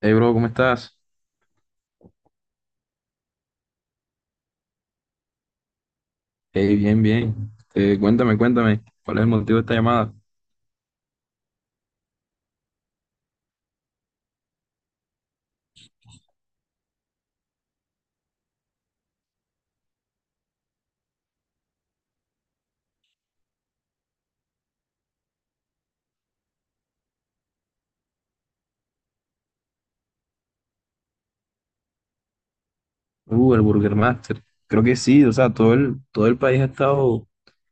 Hey, bro, ¿cómo estás? Hey, bien, bien. Cuéntame, ¿cuál es el motivo de esta llamada? El Burger Master. Creo que sí, o sea, todo el país ha estado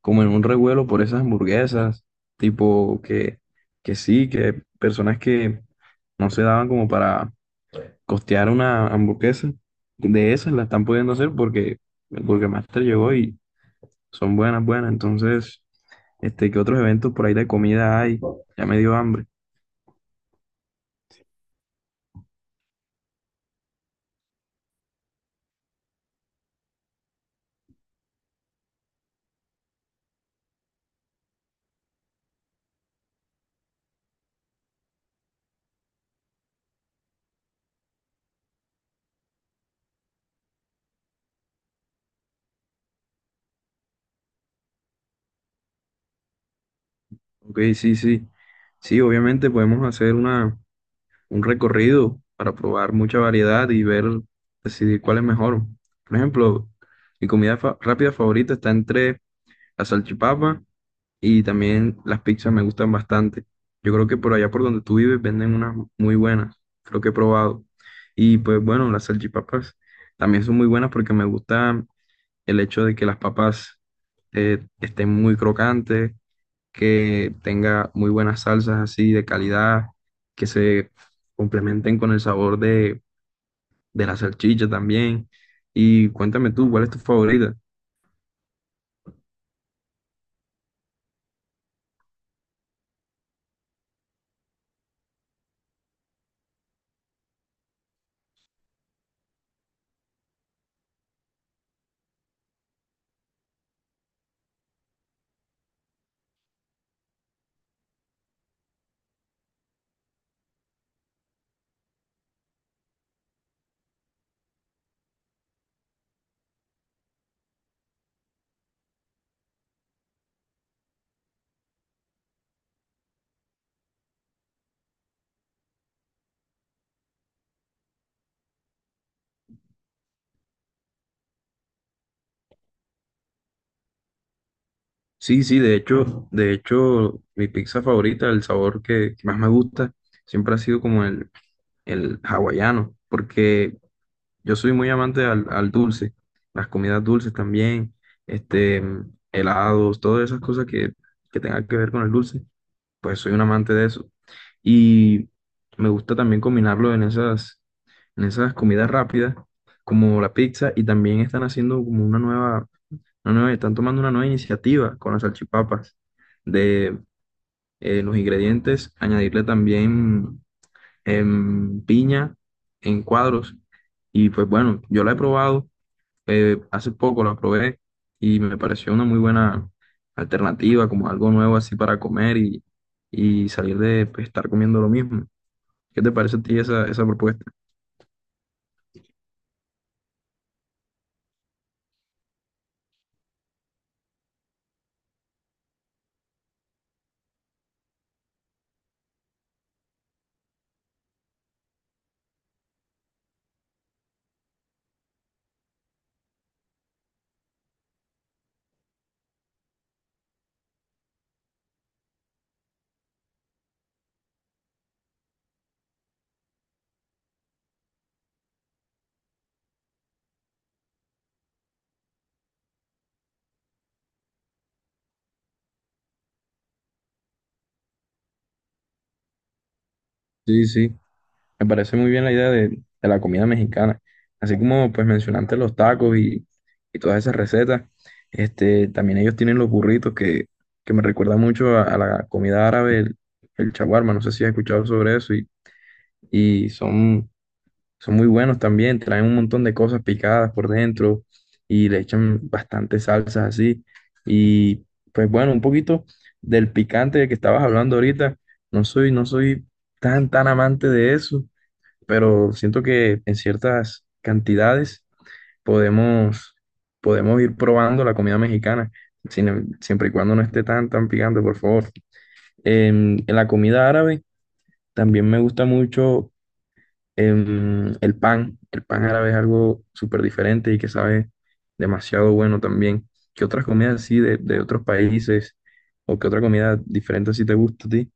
como en un revuelo por esas hamburguesas, tipo que sí, que personas que no se daban como para costear una hamburguesa, de esas la están pudiendo hacer porque el Burger Master llegó y son buenas, buenas. Entonces, este, ¿qué otros eventos por ahí de comida hay? Ya me dio hambre. Ok, sí, sí. Sí, obviamente podemos hacer un recorrido para probar mucha variedad y ver, decidir cuál es mejor. Por ejemplo, mi comida rápida favorita está entre la salchipapa y también las pizzas me gustan bastante. Yo creo que por allá por donde tú vives venden unas muy buenas, creo que he probado. Y pues bueno, las salchipapas también son muy buenas porque me gusta el hecho de que las papas estén muy crocantes, que tenga muy buenas salsas así de calidad, que se complementen con el sabor de la salchicha también. Y cuéntame tú, ¿cuál es tu favorita? Sí, sí, de hecho, mi pizza favorita, el sabor que más me gusta, siempre ha sido como el hawaiano, porque yo soy muy amante al dulce, las comidas dulces también, este, mm, helados, todas esas cosas que tengan que ver con el dulce. Pues soy un amante de eso. Y me gusta también combinarlo en en esas comidas rápidas, como la pizza, y también están haciendo como una nueva, están tomando una nueva iniciativa con las salchipapas, de los ingredientes, añadirle también piña en cuadros. Y pues bueno, yo la he probado, hace poco la probé y me pareció una muy buena alternativa, como algo nuevo así para comer y salir de pues, estar comiendo lo mismo. ¿Qué te parece a ti esa propuesta? Sí, sí, me parece muy bien la idea de la comida mexicana. Así como pues mencionaste los tacos y todas esas recetas, este, también ellos tienen los burritos que me recuerda mucho a la comida árabe, el shawarma, no sé si has escuchado sobre eso, y son son muy buenos también, traen un montón de cosas picadas por dentro y le echan bastantes salsas así. Y pues bueno, un poquito del picante de que estabas hablando ahorita. No soy tan amante de eso, pero siento que en ciertas cantidades podemos, podemos ir probando la comida mexicana, siempre y cuando no esté tan picante, por favor. En la comida árabe también me gusta mucho. Em, el pan árabe es algo súper diferente y que sabe demasiado bueno también. ¿Qué otras comidas así de otros países o qué otra comida diferente así te gusta a ti?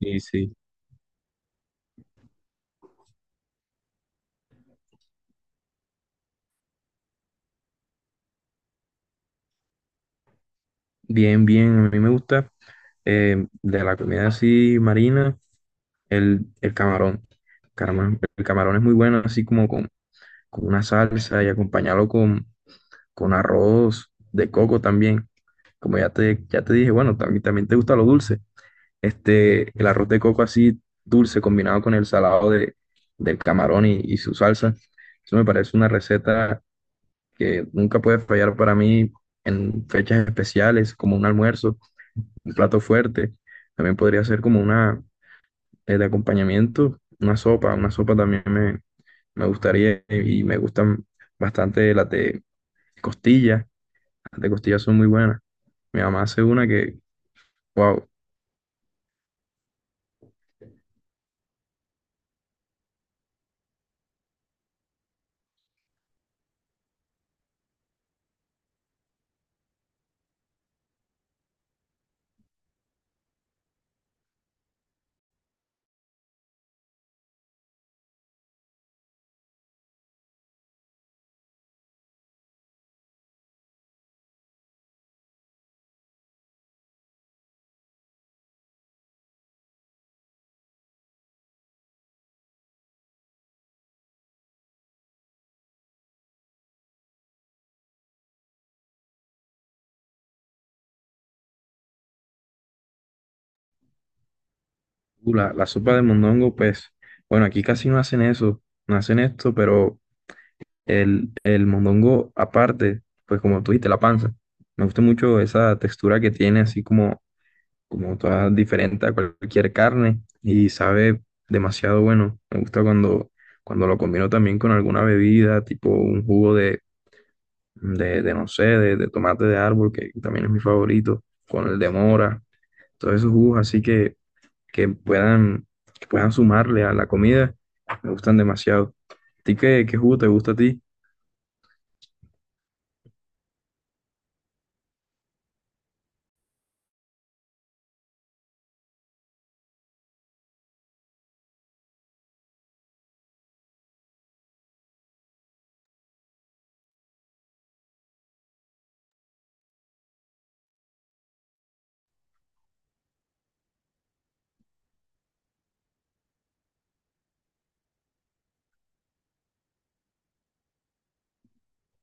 Y sí, bien, bien, a mí me gusta, em, de la comida así marina, el camarón. Caramba, el camarón es muy bueno así como con una salsa y acompañarlo con arroz de coco también. Como ya te dije, bueno, también, también te gusta lo dulce. Este, el arroz de coco así dulce combinado con el salado del camarón y su salsa. Eso me parece una receta que nunca puede fallar para mí en fechas especiales, como un almuerzo, un plato fuerte. También podría ser como una, de acompañamiento, una sopa. Una sopa también me gustaría y me gustan bastante las de costilla. Las de costilla son muy buenas. Mi mamá hace una wow. La sopa de mondongo, pues, bueno, aquí casi no hacen eso, no hacen esto, pero el mondongo aparte, pues como tú dijiste, la panza. Me gusta mucho esa textura que tiene, así como, como toda diferente a cualquier carne y sabe demasiado bueno. Me gusta cuando lo combino también con alguna bebida, tipo un jugo no sé, de tomate de árbol, que también es mi favorito, con el de mora, todos esos jugos así que puedan, que puedan sumarle a la comida, me gustan demasiado. ¿A ti qué jugo te gusta a ti?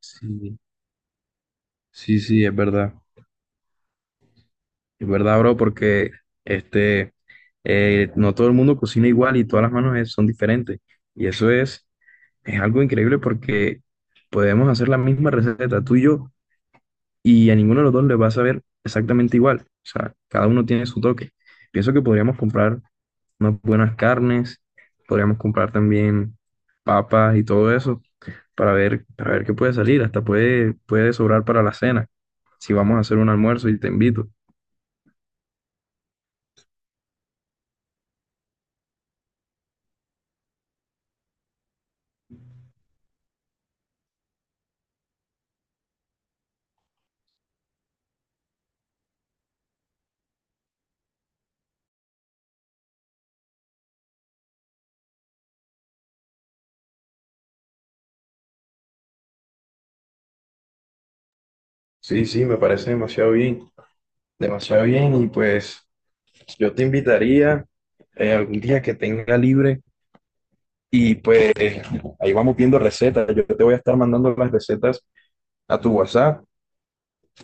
Sí, sí, sí, es verdad. Es verdad, bro, porque este, no todo el mundo cocina igual y todas las manos son diferentes. Y eso es algo increíble porque podemos hacer la misma receta, tú y yo, y a ninguno de los dos le va a saber exactamente igual. O sea, cada uno tiene su toque. Pienso que podríamos comprar unas buenas carnes, podríamos comprar también papas y todo eso para ver qué puede salir, hasta puede sobrar para la cena, si vamos a hacer un almuerzo y te invito. Sí, sí, me parece demasiado bien y pues yo te invitaría, algún día que tenga libre y pues ahí vamos viendo recetas, yo te voy a estar mandando las recetas a tu WhatsApp.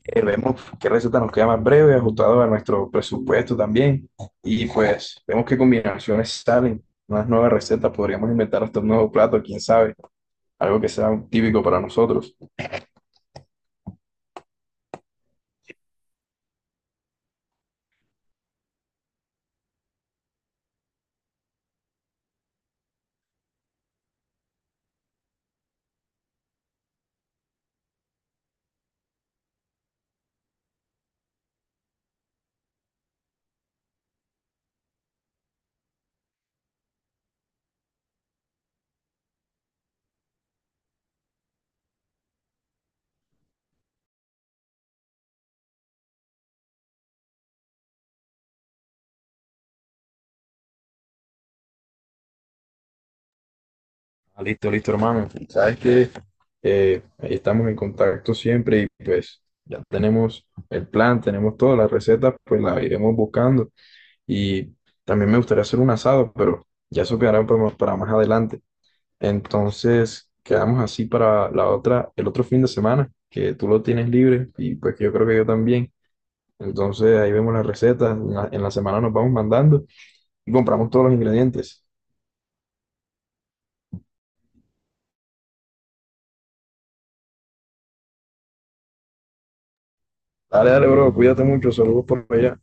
Vemos qué receta nos queda más breve, ajustado a nuestro presupuesto también. Y pues vemos qué combinaciones salen, unas nuevas recetas, podríamos inventar hasta un nuevo plato, quién sabe, algo que sea típico para nosotros. Ah, listo, listo, hermano. Sabes que ahí estamos en contacto siempre y pues ya tenemos el plan, tenemos todas las recetas, pues las iremos buscando. Y también me gustaría hacer un asado, pero ya eso quedará para más adelante. Entonces, quedamos así para la otra, el otro fin de semana, que tú lo tienes libre y pues que yo creo que yo también. Entonces, ahí vemos las recetas, en la semana nos vamos mandando y compramos todos los ingredientes. Dale, dale, bro, cuídate mucho, saludos por allá.